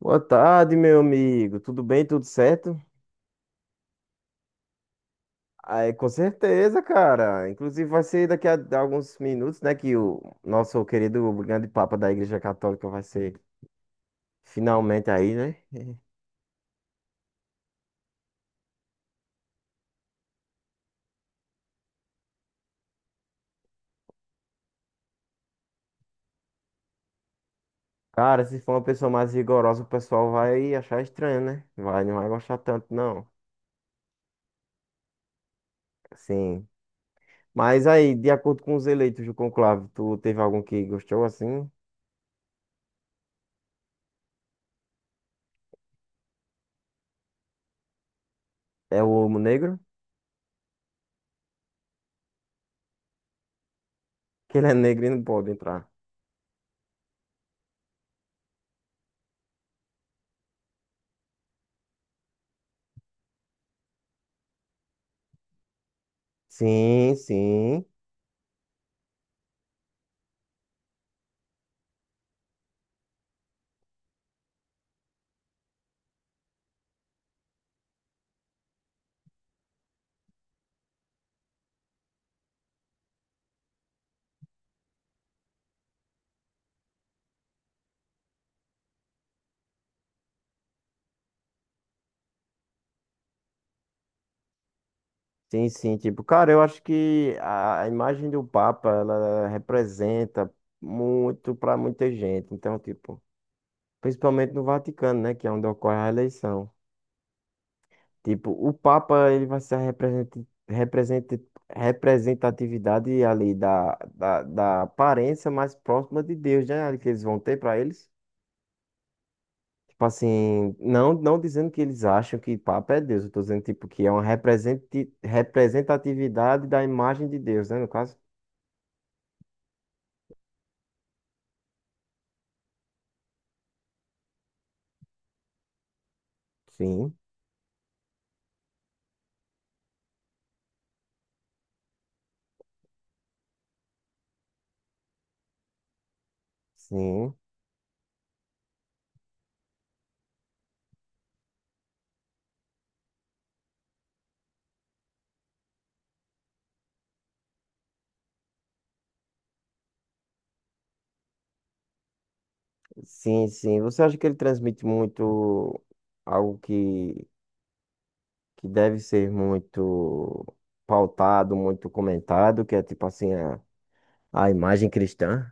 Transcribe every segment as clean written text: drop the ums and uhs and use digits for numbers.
Boa tarde, meu amigo. Tudo bem? Tudo certo? Aí, com certeza, cara. Inclusive, vai ser daqui a alguns minutos, né? Que o nosso querido grande Papa da Igreja Católica vai ser finalmente aí, né? Cara, se for uma pessoa mais rigorosa, o pessoal vai achar estranho, né? Vai, não vai gostar tanto, não. Sim. Mas aí, de acordo com os eleitos do conclave, tu teve algum que gostou assim? É o homo negro? Que ele é negro e não pode entrar. Sim, sim. Sim, sim, tipo, cara, eu acho que a imagem do Papa, ela representa muito para muita gente. Então, tipo, principalmente no Vaticano, né, que é onde ocorre a eleição. Tipo, o Papa, ele vai ser a represent- representatividade ali da aparência mais próxima de Deus, né, ali que eles vão ter para eles. Tipo assim, não, não dizendo que eles acham que Papa é Deus, eu tô dizendo, tipo, que é uma representatividade da imagem de Deus, né, no caso. Sim, sim, sim, sim. Você acha que ele transmite muito algo que deve ser muito pautado, muito comentado, que é tipo assim, a imagem cristã?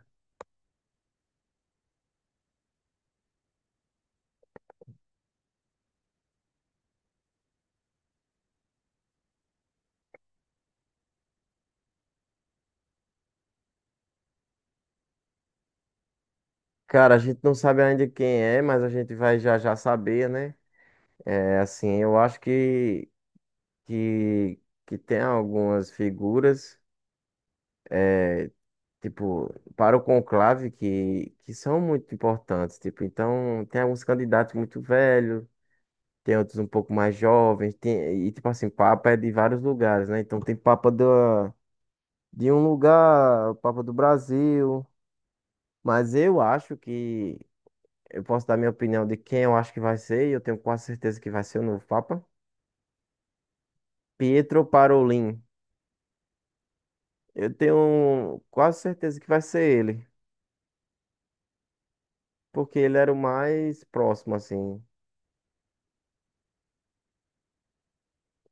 Cara, a gente não sabe ainda quem é, mas a gente vai já já saber, né? É assim, eu acho que, que tem algumas figuras, tipo, para o conclave que são muito importantes, tipo, então tem alguns candidatos muito velhos, tem outros um pouco mais jovens, tem, e tipo assim, Papa é de vários lugares, né? Então tem Papa da, de um lugar, Papa do Brasil. Mas eu acho que, eu posso dar minha opinião de quem eu acho que vai ser, e eu tenho quase certeza que vai ser o novo Papa. Pietro Parolin. Eu tenho quase certeza que vai ser ele, porque ele era o mais próximo, assim.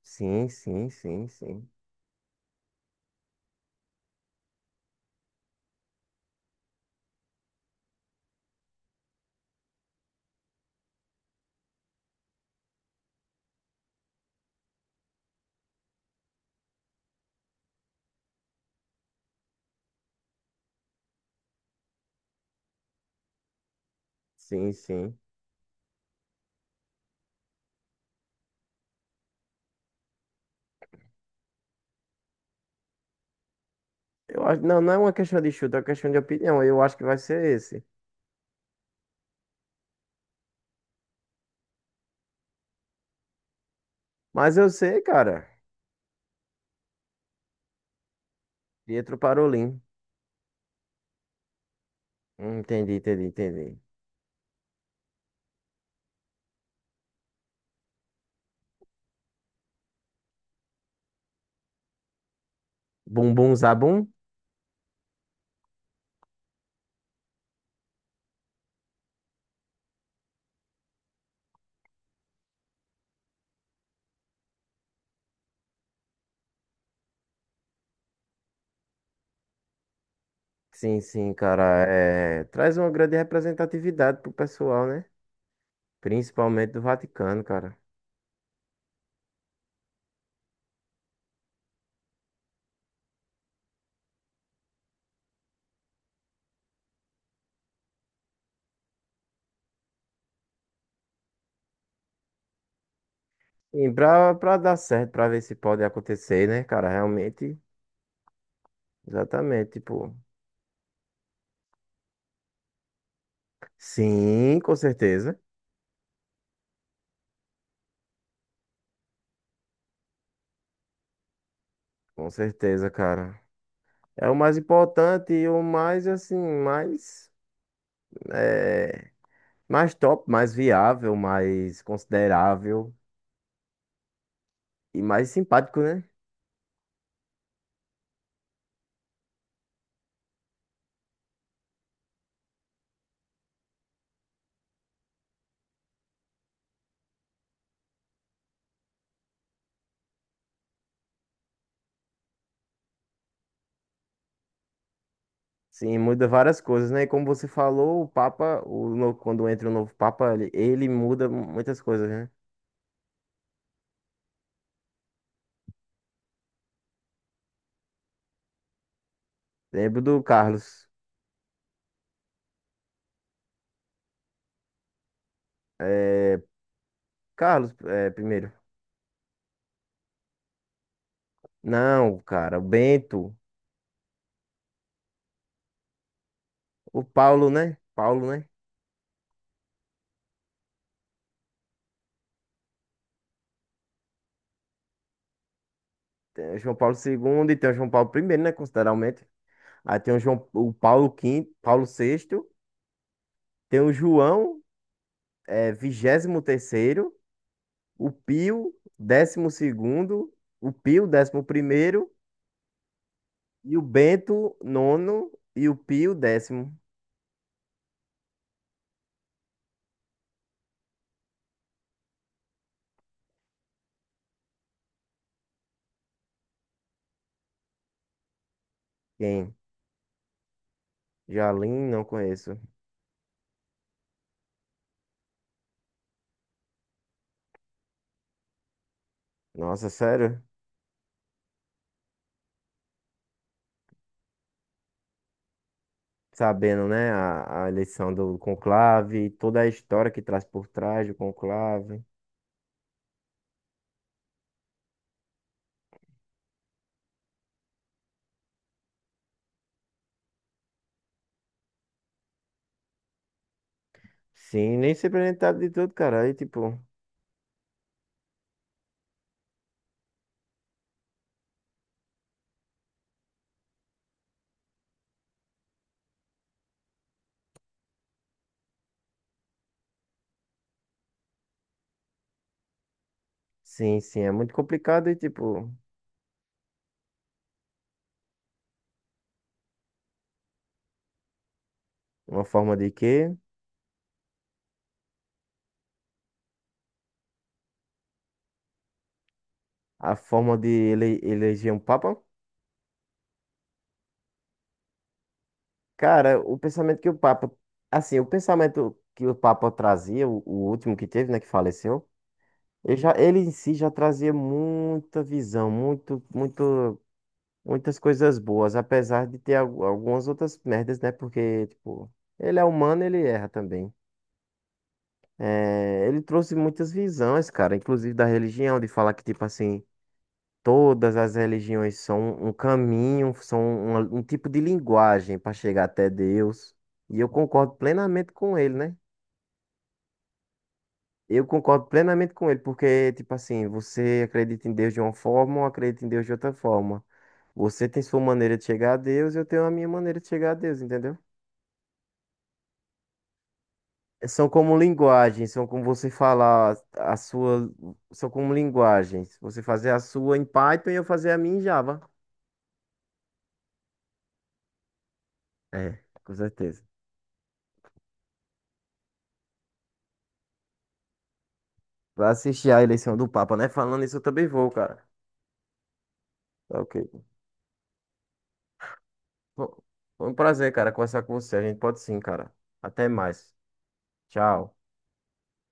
Sim, sim, sim, sim. Sim, sim. Eu acho, não, não é uma questão de chute, é uma questão de opinião. Eu acho que vai ser esse. Mas eu sei, cara. Pietro Parolin. Entendi, entendi, entendi. Bum Bum Zabum? Sim, sim, cara. Traz uma grande representatividade pro pessoal, né? Principalmente do Vaticano, cara. E pra dar certo, pra ver se pode acontecer, né, cara? Realmente, exatamente, tipo... Sim, com certeza. Com certeza, cara. É o mais importante e o mais, assim, mais... É... Mais top, mais viável, mais considerável e mais simpático, né? Sim, muda várias coisas, né? E como você falou, o Papa, o no- quando entra o novo Papa, ele muda muitas coisas, né? Lembro do Carlos. É, Carlos, é, primeiro. Não, cara, o Bento, o Paulo, né? Paulo, né? Tem o João Paulo segundo e tem o João Paulo primeiro, né? Consideravelmente. Aí tem o João, o Paulo quinto, Paulo sexto, tem o João, vigésimo terceiro, o Pio, décimo segundo, o Pio, décimo primeiro. E o Bento, nono, e o Pio, décimo. Quem? Jalim, não conheço. Nossa, sério? Sabendo, né, a eleição do conclave, toda a história que traz por trás do conclave. Sim, nem se apresentado de tudo, cara. Aí, tipo, sim, sim, é muito complicado. E, tipo, uma forma de quê? A forma de ele, eleger um papa? Cara, o pensamento que o papa... Assim, o pensamento que o papa trazia, o último que teve, né, que faleceu. Ele, já, ele em si já trazia muita visão, muitas coisas boas, apesar de ter algumas outras merdas, né? Porque, tipo, ele é humano, ele erra também. É, ele trouxe muitas visões, cara, inclusive da religião, de falar que, tipo assim, todas as religiões são um caminho, são um tipo de linguagem para chegar até Deus. E eu concordo plenamente com ele, né? Eu concordo plenamente com ele, porque, tipo assim, você acredita em Deus de uma forma ou acredita em Deus de outra forma. Você tem sua maneira de chegar a Deus, eu tenho a minha maneira de chegar a Deus, entendeu? São como linguagens, são como você falar a sua, são como linguagens. Você fazer a sua em Python e eu fazer a minha em Java. É, com certeza. Vai assistir a eleição do Papa, né? Falando isso, eu também vou, cara. Tá ok. Bom, foi um prazer, cara, conversar com você. A gente pode sim, cara. Até mais. Tchau.